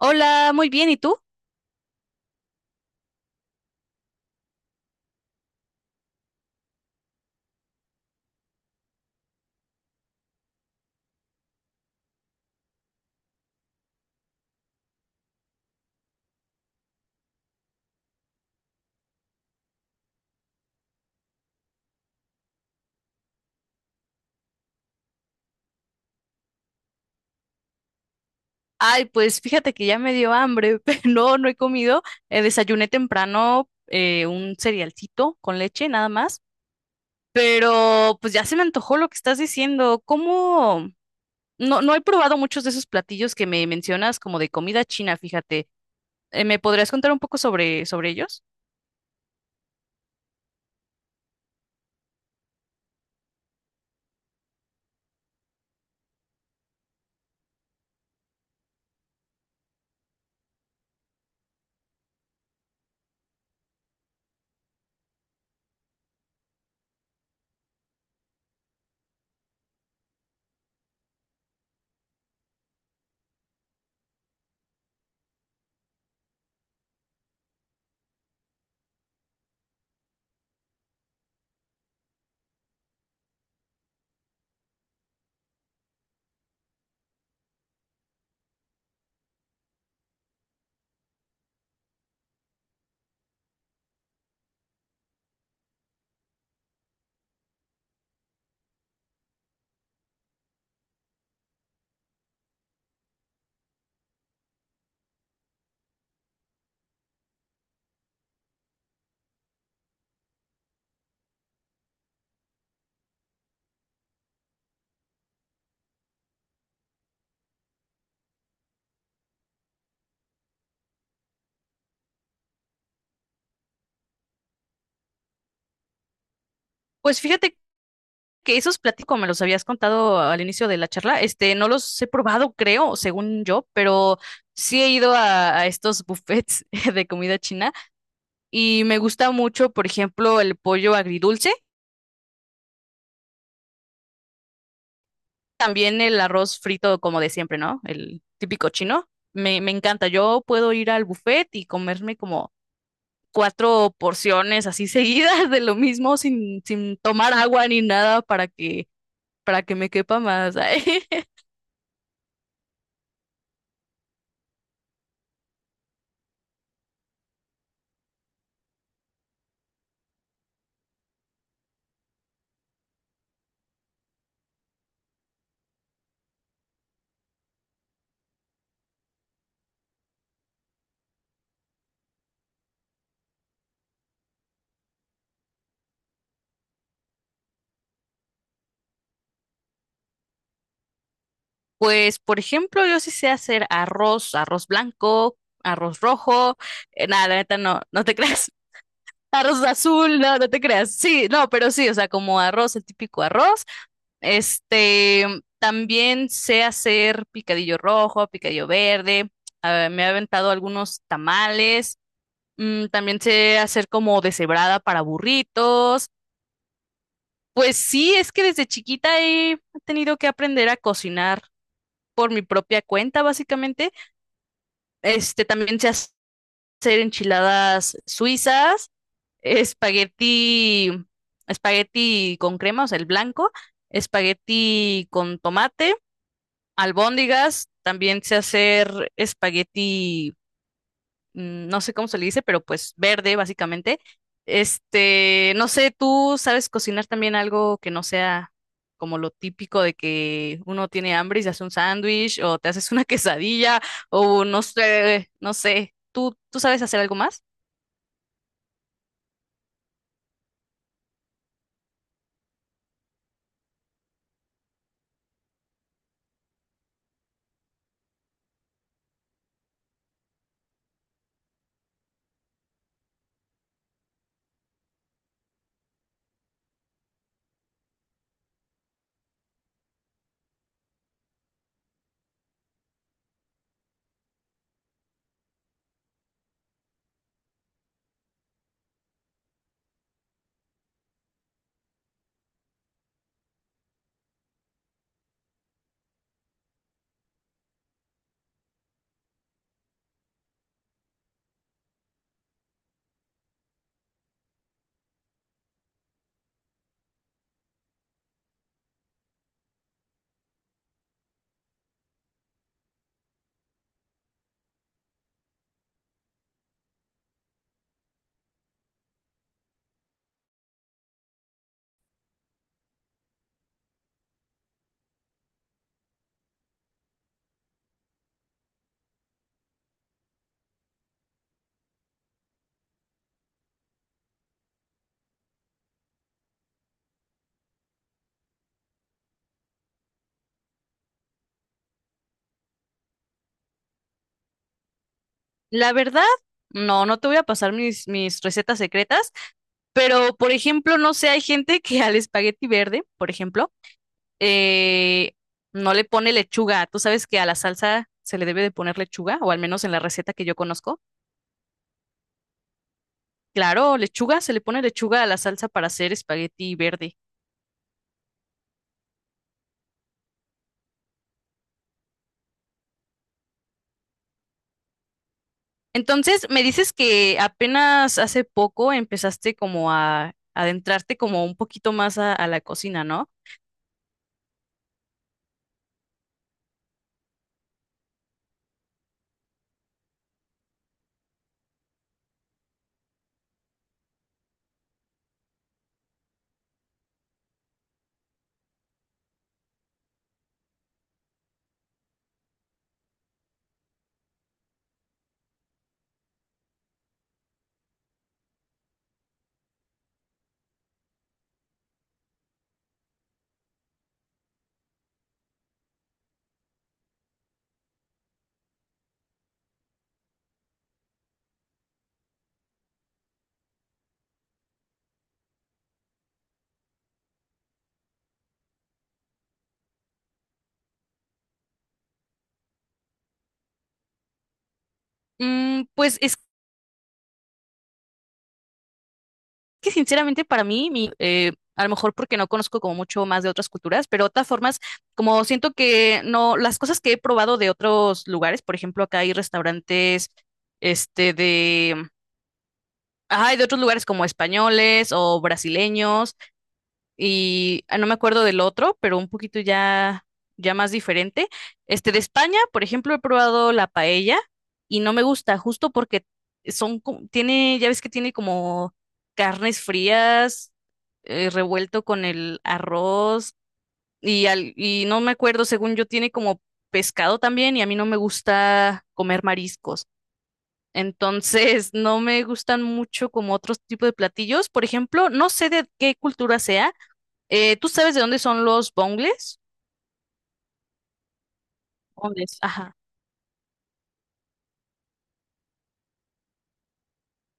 Hola, muy bien, ¿y tú? Ay, pues fíjate que ya me dio hambre, pero no, no he comido. Desayuné temprano un cerealcito con leche, nada más. Pero pues ya se me antojó lo que estás diciendo. ¿Cómo? No, no he probado muchos de esos platillos que me mencionas como de comida china, fíjate. ¿Me podrías contar un poco sobre ellos? Pues fíjate que esos platillos, como me los habías contado al inicio de la charla, este, no los he probado, creo, según yo, pero sí he ido a estos buffets de comida china y me gusta mucho, por ejemplo, el pollo agridulce, también el arroz frito como de siempre, ¿no? El típico chino. Me encanta. Yo puedo ir al buffet y comerme como cuatro porciones así seguidas de lo mismo sin tomar agua ni nada para para que me quepa más. Ay. Pues, por ejemplo, yo sí sé hacer arroz blanco, arroz rojo, nada, la neta no, no te creas. Arroz azul, no, no te creas. Sí, no, pero sí, o sea, como arroz, el típico arroz. Este, también sé hacer picadillo rojo, picadillo verde. Ah, me he aventado algunos tamales. Mm, también sé hacer como deshebrada para burritos. Pues sí, es que desde chiquita he tenido que aprender a cocinar por mi propia cuenta, básicamente. Este, también sé hacer enchiladas suizas, espagueti, espagueti con crema, o sea, el blanco, espagueti con tomate, albóndigas, también sé hacer espagueti mm, no sé cómo se le dice, pero pues verde, básicamente. Este, no sé, ¿tú sabes cocinar también algo que no sea como lo típico de que uno tiene hambre y se hace un sándwich o te haces una quesadilla o no sé, no sé. ¿Tú sabes hacer algo más? La verdad, no, no te voy a pasar mis recetas secretas, pero por ejemplo, no sé, hay gente que al espagueti verde, por ejemplo, eh, no le pone lechuga. ¿Tú sabes que a la salsa se le debe de poner lechuga? O al menos en la receta que yo conozco. Claro, lechuga, se le pone lechuga a la salsa para hacer espagueti verde. Entonces, me dices que apenas hace poco empezaste como a adentrarte como un poquito más a la cocina, ¿no? Mm, pues es que sinceramente para mí, mi, a lo mejor porque no conozco como mucho más de otras culturas, pero otras formas, como siento que no, las cosas que he probado de otros lugares, por ejemplo, acá hay restaurantes, este, de, ay, de otros lugares como españoles o brasileños y ah, no me acuerdo del otro, pero un poquito ya, ya más diferente. Este de España, por ejemplo, he probado la paella y no me gusta, justo porque son, tiene, ya ves que tiene como carnes frías, revuelto con el arroz y no me acuerdo, según yo, tiene como pescado también y a mí no me gusta comer mariscos. Entonces, no me gustan mucho como otros tipos de platillos. Por ejemplo, no sé de qué cultura sea, ¿tú sabes de dónde son los bongles? Bongles, ajá.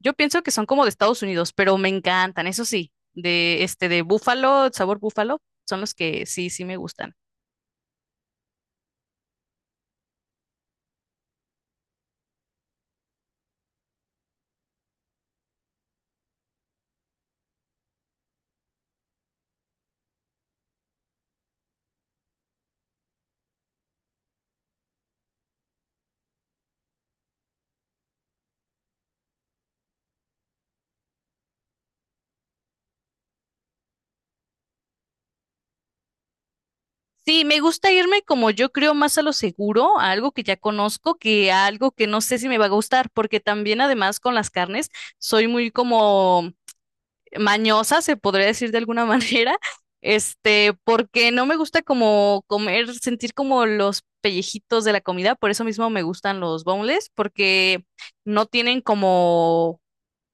Yo pienso que son como de Estados Unidos, pero me encantan, eso sí, de este de búfalo, sabor búfalo, son los que sí, sí me gustan. Sí, me gusta irme como yo creo más a lo seguro, a algo que ya conozco, que a algo que no sé si me va a gustar, porque también además con las carnes soy muy como mañosa, se podría decir de alguna manera, este, porque no me gusta como comer, sentir como los pellejitos de la comida, por eso mismo me gustan los boneless, porque no tienen como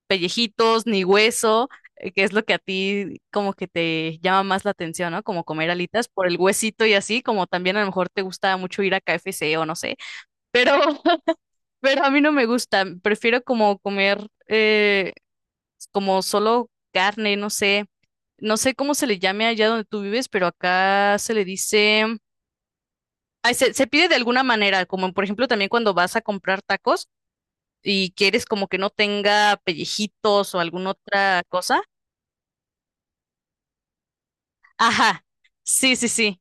pellejitos ni hueso, que es lo que a ti como que te llama más la atención, ¿no? Como comer alitas por el huesito y así, como también a lo mejor te gusta mucho ir a KFC o no sé, pero, pero a mí no me gusta, prefiero como comer como solo carne, no sé, no sé cómo se le llame allá donde tú vives, pero acá se le dice, ay, se pide de alguna manera, como por ejemplo también cuando vas a comprar tacos y quieres como que no tenga pellejitos o alguna otra cosa. Ajá, sí, sí, sí.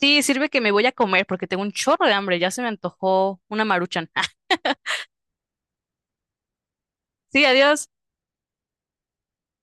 Sí, sirve que me voy a comer porque tengo un chorro de hambre, ya se me antojó una maruchan. Sí, adiós.